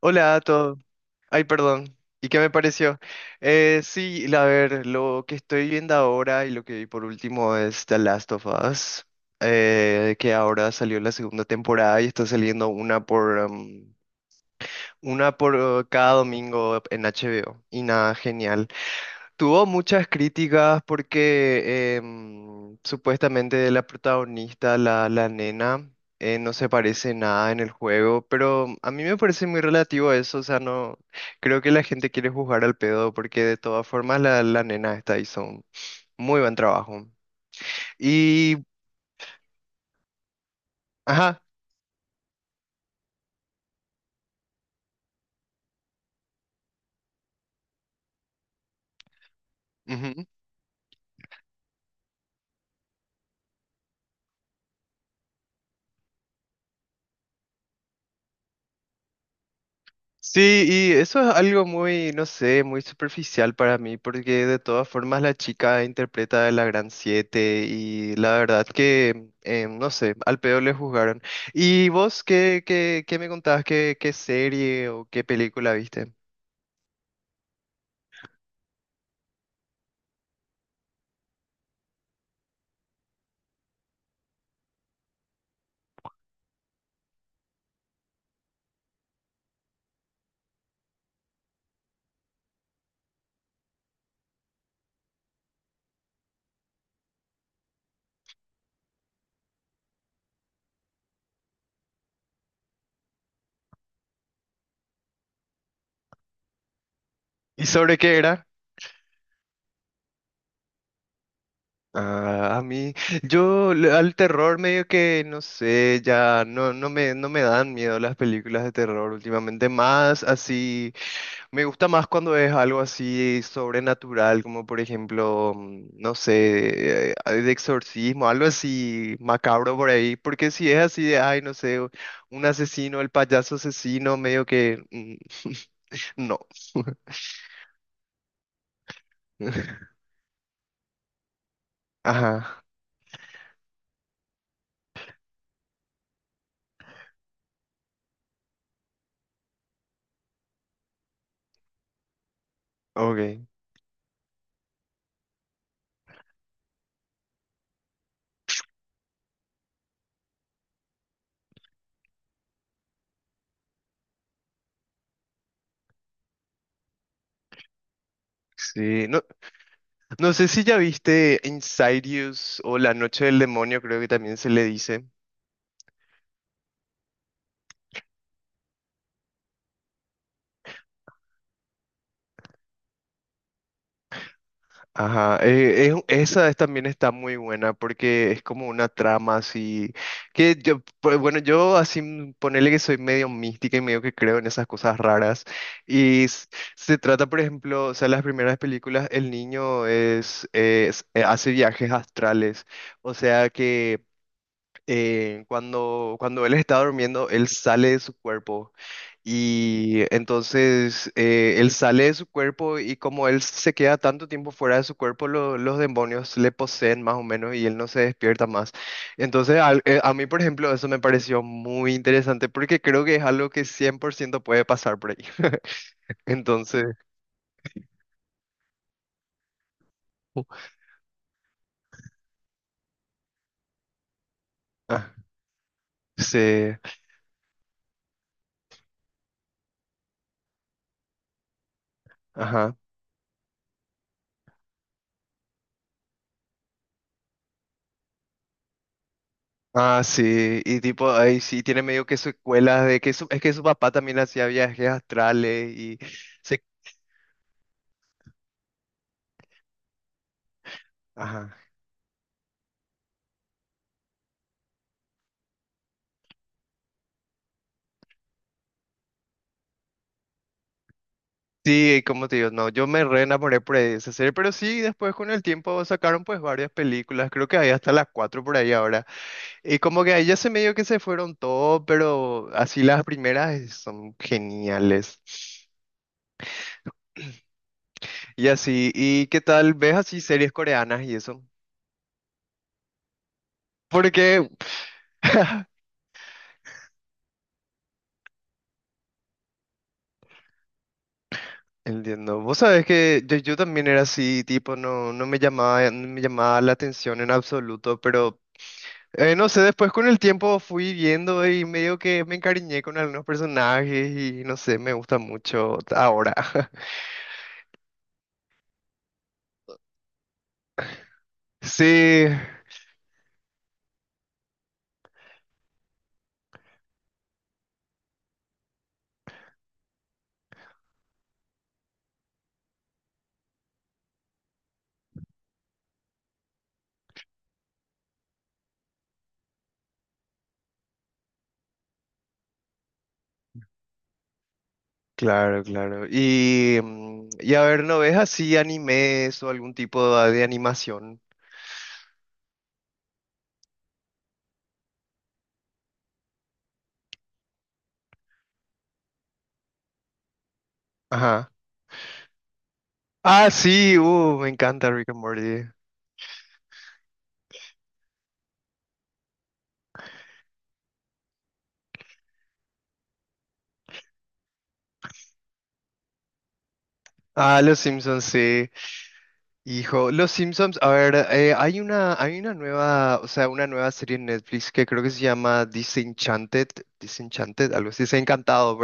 Hola a todos. Ay, perdón. ¿Y qué me pareció? Sí, a ver, lo que estoy viendo ahora y lo que vi por último es The Last of Us, que ahora salió la segunda temporada y está saliendo una por cada domingo en HBO. Y nada, genial. Tuvo muchas críticas porque supuestamente la protagonista, la nena, no se parece nada en el juego, pero a mí me parece muy relativo a eso, o sea, no creo que la gente quiere juzgar al pedo porque de todas formas la nena está hizo un muy buen trabajo. Y, ajá. Sí, y eso es algo muy, no sé, muy superficial para mí, porque de todas formas la chica interpreta a la Gran Siete y la verdad que, no sé, al pedo le juzgaron. ¿Y vos qué me contabas? ¿Qué serie o qué película viste? ¿Y sobre qué era? Ah, a mí, al terror medio que no sé, ya no, no me dan miedo las películas de terror últimamente, más así, me gusta más cuando es algo así sobrenatural, como por ejemplo, no sé, de exorcismo, algo así macabro por ahí, porque si es así de, ay, no sé, un asesino, el payaso asesino, medio que, no. Ajá, ok. Sí, no. No sé si ya viste Insidious o La Noche del Demonio, creo que también se le dice. Ajá, también está muy buena porque es como una trama así, que yo, pues, bueno, yo así ponele que soy medio mística y medio que creo en esas cosas raras. Y se trata, por ejemplo, o sea, las primeras películas, el niño hace viajes astrales, o sea que cuando él está durmiendo, él sale de su cuerpo. Y entonces él sale de su cuerpo y como él se queda tanto tiempo fuera de su cuerpo, los demonios le poseen más o menos y él no se despierta más. Entonces a mí, por ejemplo, eso me pareció muy interesante porque creo que es algo que 100% puede pasar por ahí. Entonces, ah, sí, ajá. Ah, sí, y tipo, ahí sí tiene medio que secuelas de que es que su papá también hacía viajes astrales y se, ajá. Sí, como te digo, no, yo me re enamoré por esa serie, pero sí, después con el tiempo sacaron pues varias películas, creo que hay hasta las cuatro por ahí ahora, y como que ahí ya se medio que se fueron todo, pero así las primeras son geniales, y así, ¿y qué tal? ¿Ves así series coreanas y eso? Porque, Entiendo. Vos sabés que yo también era así, tipo, no, no me llamaba la atención en absoluto, pero no sé, después con el tiempo fui viendo y medio que me encariñé con algunos personajes y no sé, me gusta mucho ahora. Sí, claro, claro. Y a ver, ¿no ves así animes o algún tipo de animación? Ajá. Ah, sí, me encanta Rick and Morty. Ah, Los Simpsons, sí. Hijo, Los Simpsons, a ver, hay una nueva, o sea, una nueva serie en Netflix que creo que se llama Disenchanted, algo así, se ha encantado.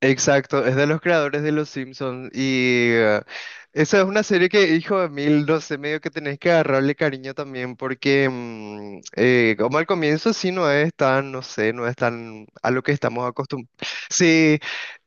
Exacto, es de los creadores de Los Simpsons y esa es una serie que, hijo de mil, no sé, medio que tenés que agarrarle cariño también porque como al comienzo sí no es tan, no sé, no es tan a lo que estamos acostumbrados. Sí,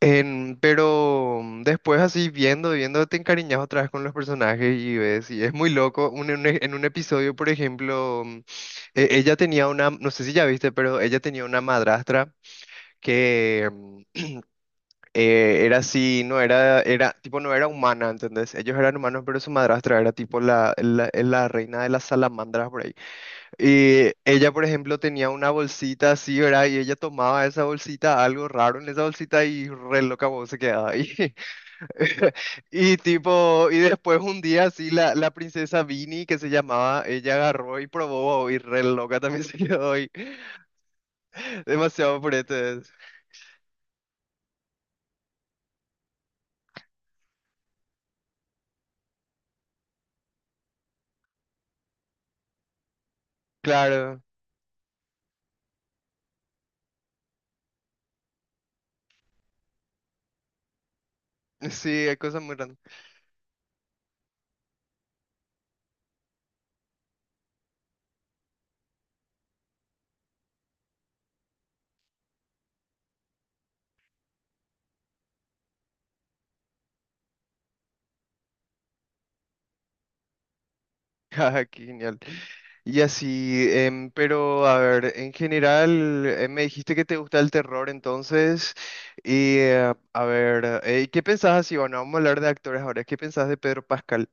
pero después así viendo, viendo, te encariñas otra vez con los personajes y ves, y es muy loco. En un episodio, por ejemplo, ella tenía una, no sé si ya viste, pero ella tenía una madrastra. Que era así, no era, tipo, no era humana, ¿entendés? Ellos eran humanos, pero su madrastra era tipo la reina de las salamandras por ahí. Y ella, por ejemplo, tenía una bolsita así, ¿verdad? Y ella tomaba esa bolsita, algo raro en esa bolsita y re loca vos se quedaba ahí. Y tipo, y después un día así, la princesa Vini, que se llamaba, ella agarró y probó y re loca también se quedó ahí. Demasiado fuerte. Claro. Sí, hay cosas muy grandes. Qué genial. Y así, pero a ver, en general, me dijiste que te gusta el terror entonces, y a ver, ¿qué pensás así? Bueno, vamos a hablar de actores ahora, ¿qué pensás de Pedro Pascal?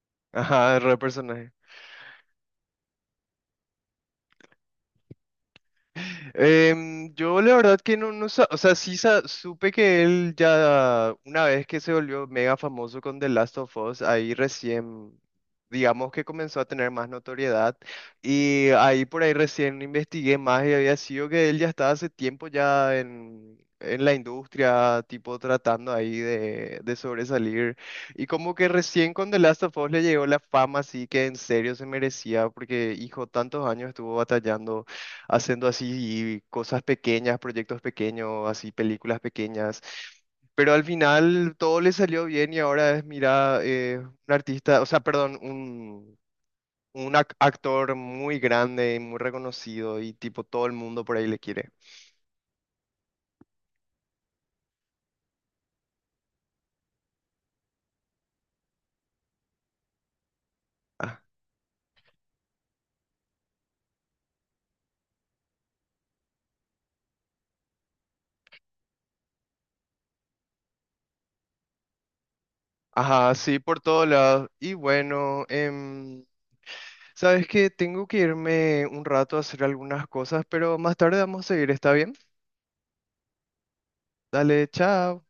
Ajá, de re personaje. Yo la verdad que no, o sea, sí supe que él ya una vez que se volvió mega famoso con The Last of Us, ahí recién, digamos que comenzó a tener más notoriedad y ahí por ahí recién investigué más y había sido que él ya estaba hace tiempo ya en la industria, tipo tratando ahí de sobresalir y como que recién con The Last of Us le llegó la fama así que en serio se merecía porque hijo tantos años estuvo batallando haciendo así cosas pequeñas, proyectos pequeños, así películas pequeñas. Pero al final todo le salió bien y ahora es, mira, un artista, o sea, perdón, actor muy grande y muy reconocido y tipo todo el mundo por ahí le quiere. Ah, ajá, sí, por todos lados. Y bueno, sabes que tengo que irme un rato a hacer algunas cosas, pero más tarde vamos a seguir, ¿está bien? Dale, chao.